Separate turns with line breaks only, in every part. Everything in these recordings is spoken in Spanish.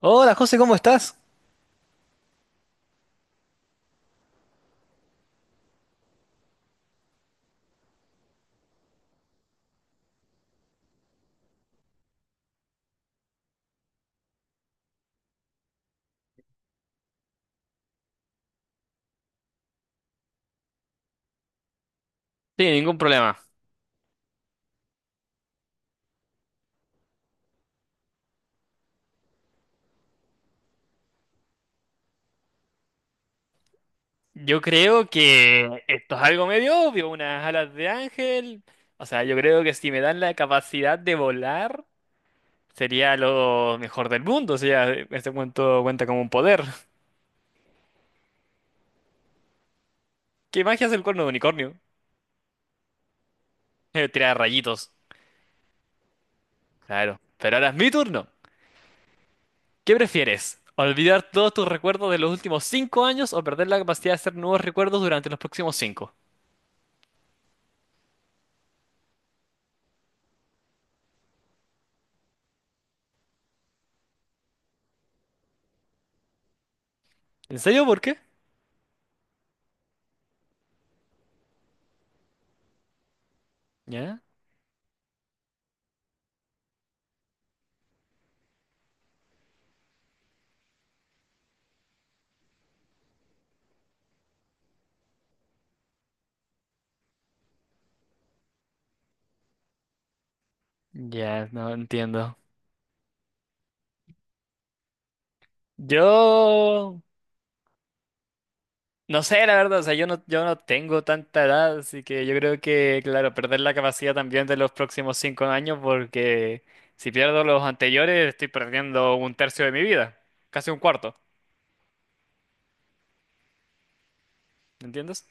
Hola José, ¿cómo estás? Sí, nada más. Yo creo que esto es algo medio obvio, unas alas de ángel. O sea, yo creo que si me dan la capacidad de volar, sería lo mejor del mundo. O sea, este cuento cuenta como un poder. ¿Qué magia es el cuerno de unicornio? Tirar rayitos. Claro. Pero ahora es mi turno. ¿Qué prefieres? ¿Olvidar todos tus recuerdos de los últimos 5 años o perder la capacidad de hacer nuevos recuerdos durante los próximos cinco? ¿En serio? ¿Por qué? ¿Ya? Ya, no entiendo. Yo no sé, la verdad, o sea, yo no tengo tanta edad, así que yo creo que, claro, perder la capacidad también de los próximos 5 años, porque si pierdo los anteriores, estoy perdiendo un tercio de mi vida, casi un cuarto, ¿me entiendes?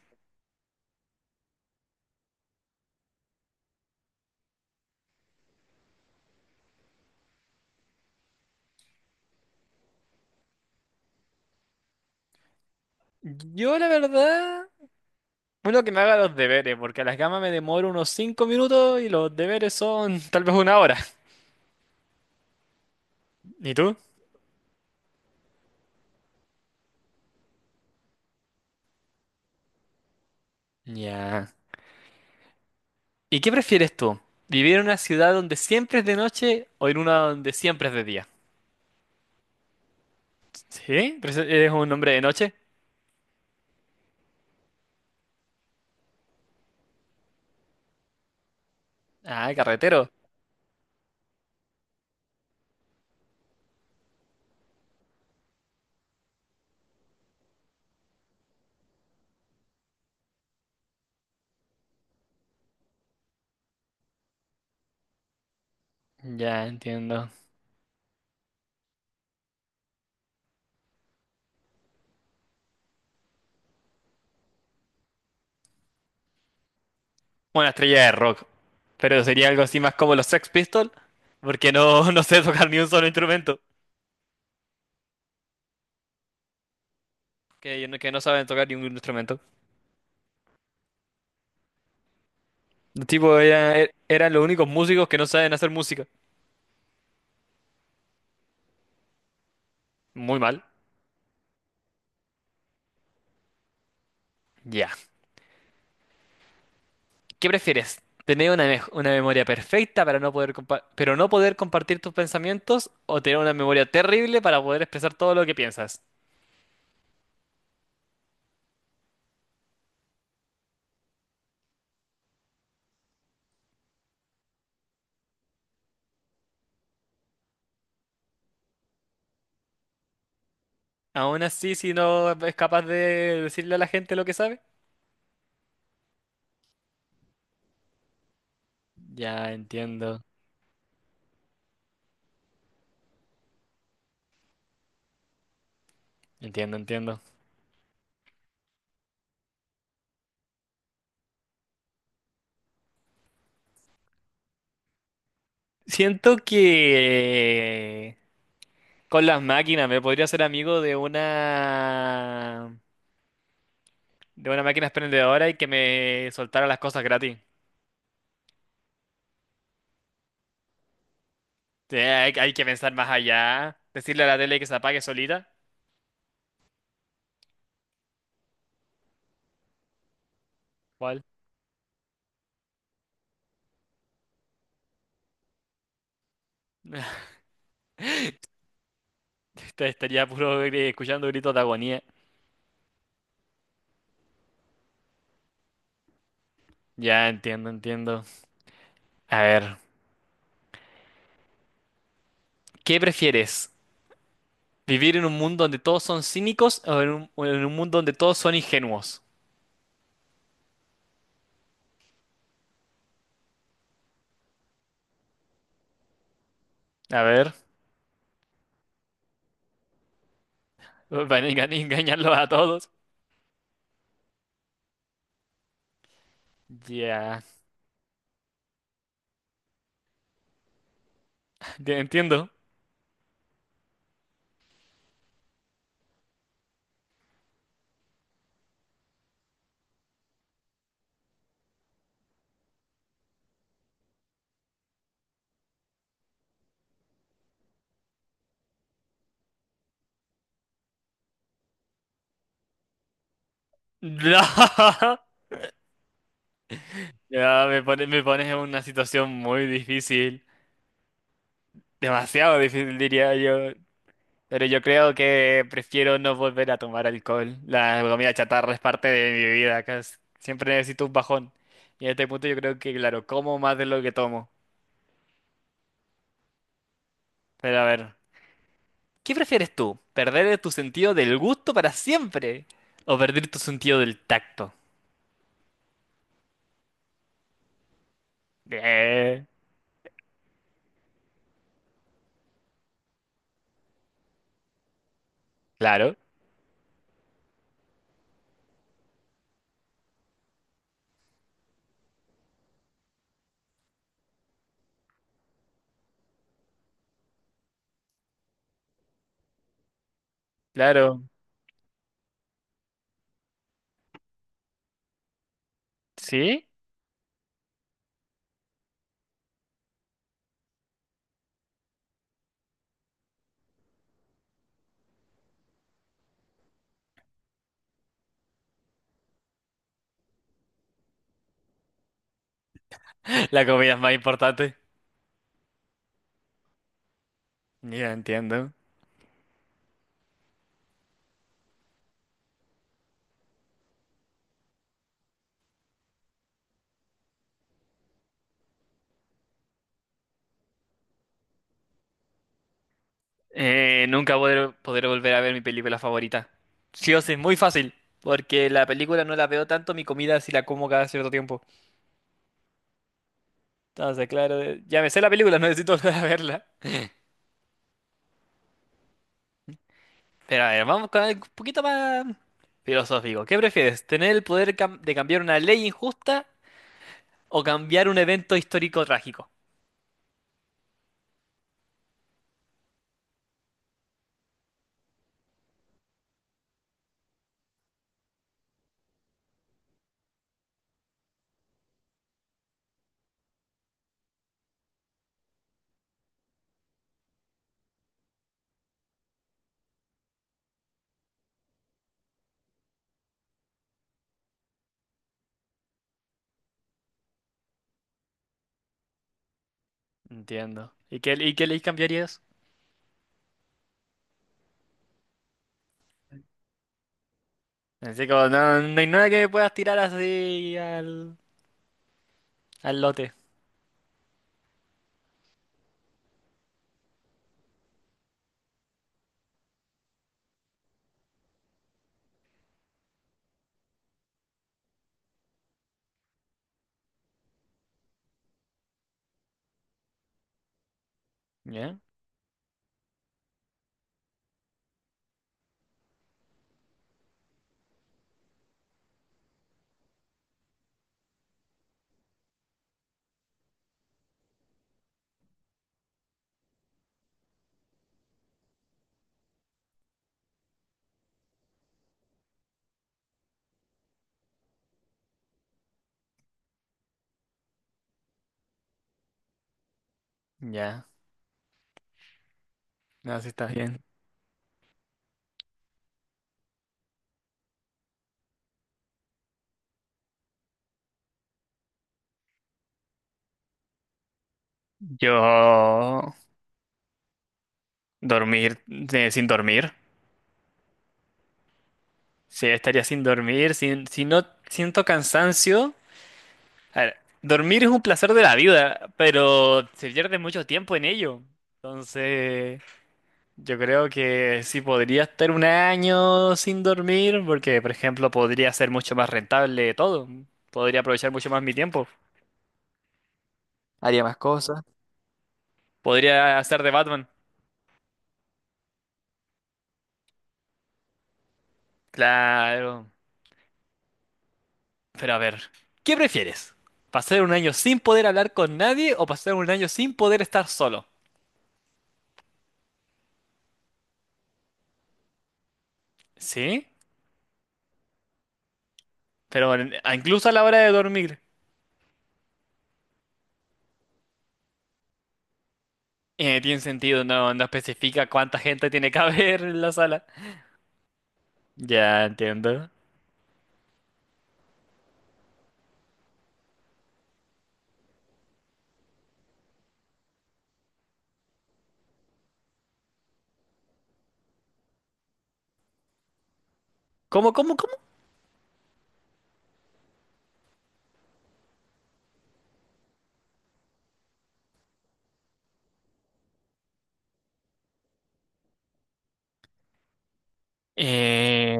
Yo, la verdad, uno que me haga los deberes, porque a las gamas me demoro unos 5 minutos y los deberes son tal vez una hora. ¿Y tú? Ya. ¿Y qué prefieres tú? ¿Vivir en una ciudad donde siempre es de noche o en una donde siempre es de día? ¿Sí? ¿Eres un hombre de noche? Ah, carretero. Ya entiendo. Una estrella de rock. Pero sería algo así más como los Sex Pistols, porque no, no sé tocar ni un solo instrumento. Que no saben tocar ni un instrumento. Los tipos eran los únicos músicos que no saben hacer música. Muy mal. Ya. ¿Qué prefieres? ¿Tener una memoria perfecta para no poder compa- pero no poder compartir tus pensamientos o tener una memoria terrible para poder expresar todo lo que piensas? Aún así, si no es capaz de decirle a la gente lo que sabe. Ya entiendo, entiendo, entiendo. Siento que con las máquinas me podría ser amigo de una máquina expendedora y que me soltara las cosas gratis. Hay que pensar más allá. Decirle a la tele que se apague solita. ¿Cuál? Te Estaría puro escuchando gritos de agonía. Ya entiendo, entiendo. A ver, ¿qué prefieres? ¿Vivir en un mundo donde todos son cínicos o en un mundo donde todos son ingenuos? A ver, van a engañarlos a todos. Ya, ya entiendo. Ya, me pones en una situación muy difícil. Demasiado difícil, diría yo. Pero yo creo que prefiero no volver a tomar alcohol. La comida chatarra es parte de mi vida, casi. Siempre necesito un bajón. Y en este punto yo creo que, claro, como más de lo que tomo. Pero a ver. ¿Qué prefieres tú? ¿Perder tu sentido del gusto para siempre? ¿O perder tu sentido del tacto? Eh, claro, claro. ¿Sí? La comida es más importante. Ya entiendo. Nunca poder volver a ver mi película favorita. Sí o sí, muy fácil. Porque la película no la veo tanto, mi comida sí la como cada cierto tiempo. Entonces, claro, ya me sé la película, no necesito volver a verla. Pero a ver, vamos con algo un poquito más filosófico. ¿Qué prefieres? ¿Tener el poder de cambiar una ley injusta? ¿O cambiar un evento histórico trágico? Entiendo. ¿Y qué ley cambiarías? Así como, no, no hay nada que me puedas tirar así al lote. ¿Ya? Ya. No, sí está bien. Yo dormir sin dormir. Sí, estaría sin dormir, sin, si no siento cansancio. A ver, dormir es un placer de la vida, pero se pierde mucho tiempo en ello. Entonces, yo creo que sí podría estar un año sin dormir, porque, por ejemplo, podría ser mucho más rentable todo. Podría aprovechar mucho más mi tiempo. Haría más cosas. Podría hacer de Batman. Claro. Pero a ver, ¿qué prefieres? ¿Pasar un año sin poder hablar con nadie o pasar un año sin poder estar solo? Sí, pero incluso a la hora de dormir. Tiene sentido, no especifica cuánta gente tiene que haber en la sala. Ya entiendo. ¿Cómo, cómo, cómo? Eh...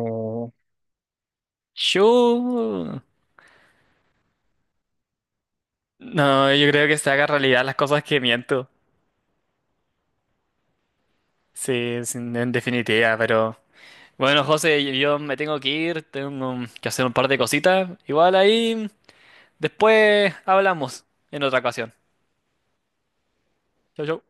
Yo... No, yo creo que se haga realidad las cosas que miento. Sí, sí, en definitiva, pero... Bueno, José, yo me tengo que ir, tengo que hacer un par de cositas. Igual ahí, después hablamos en otra ocasión. Chau, chau.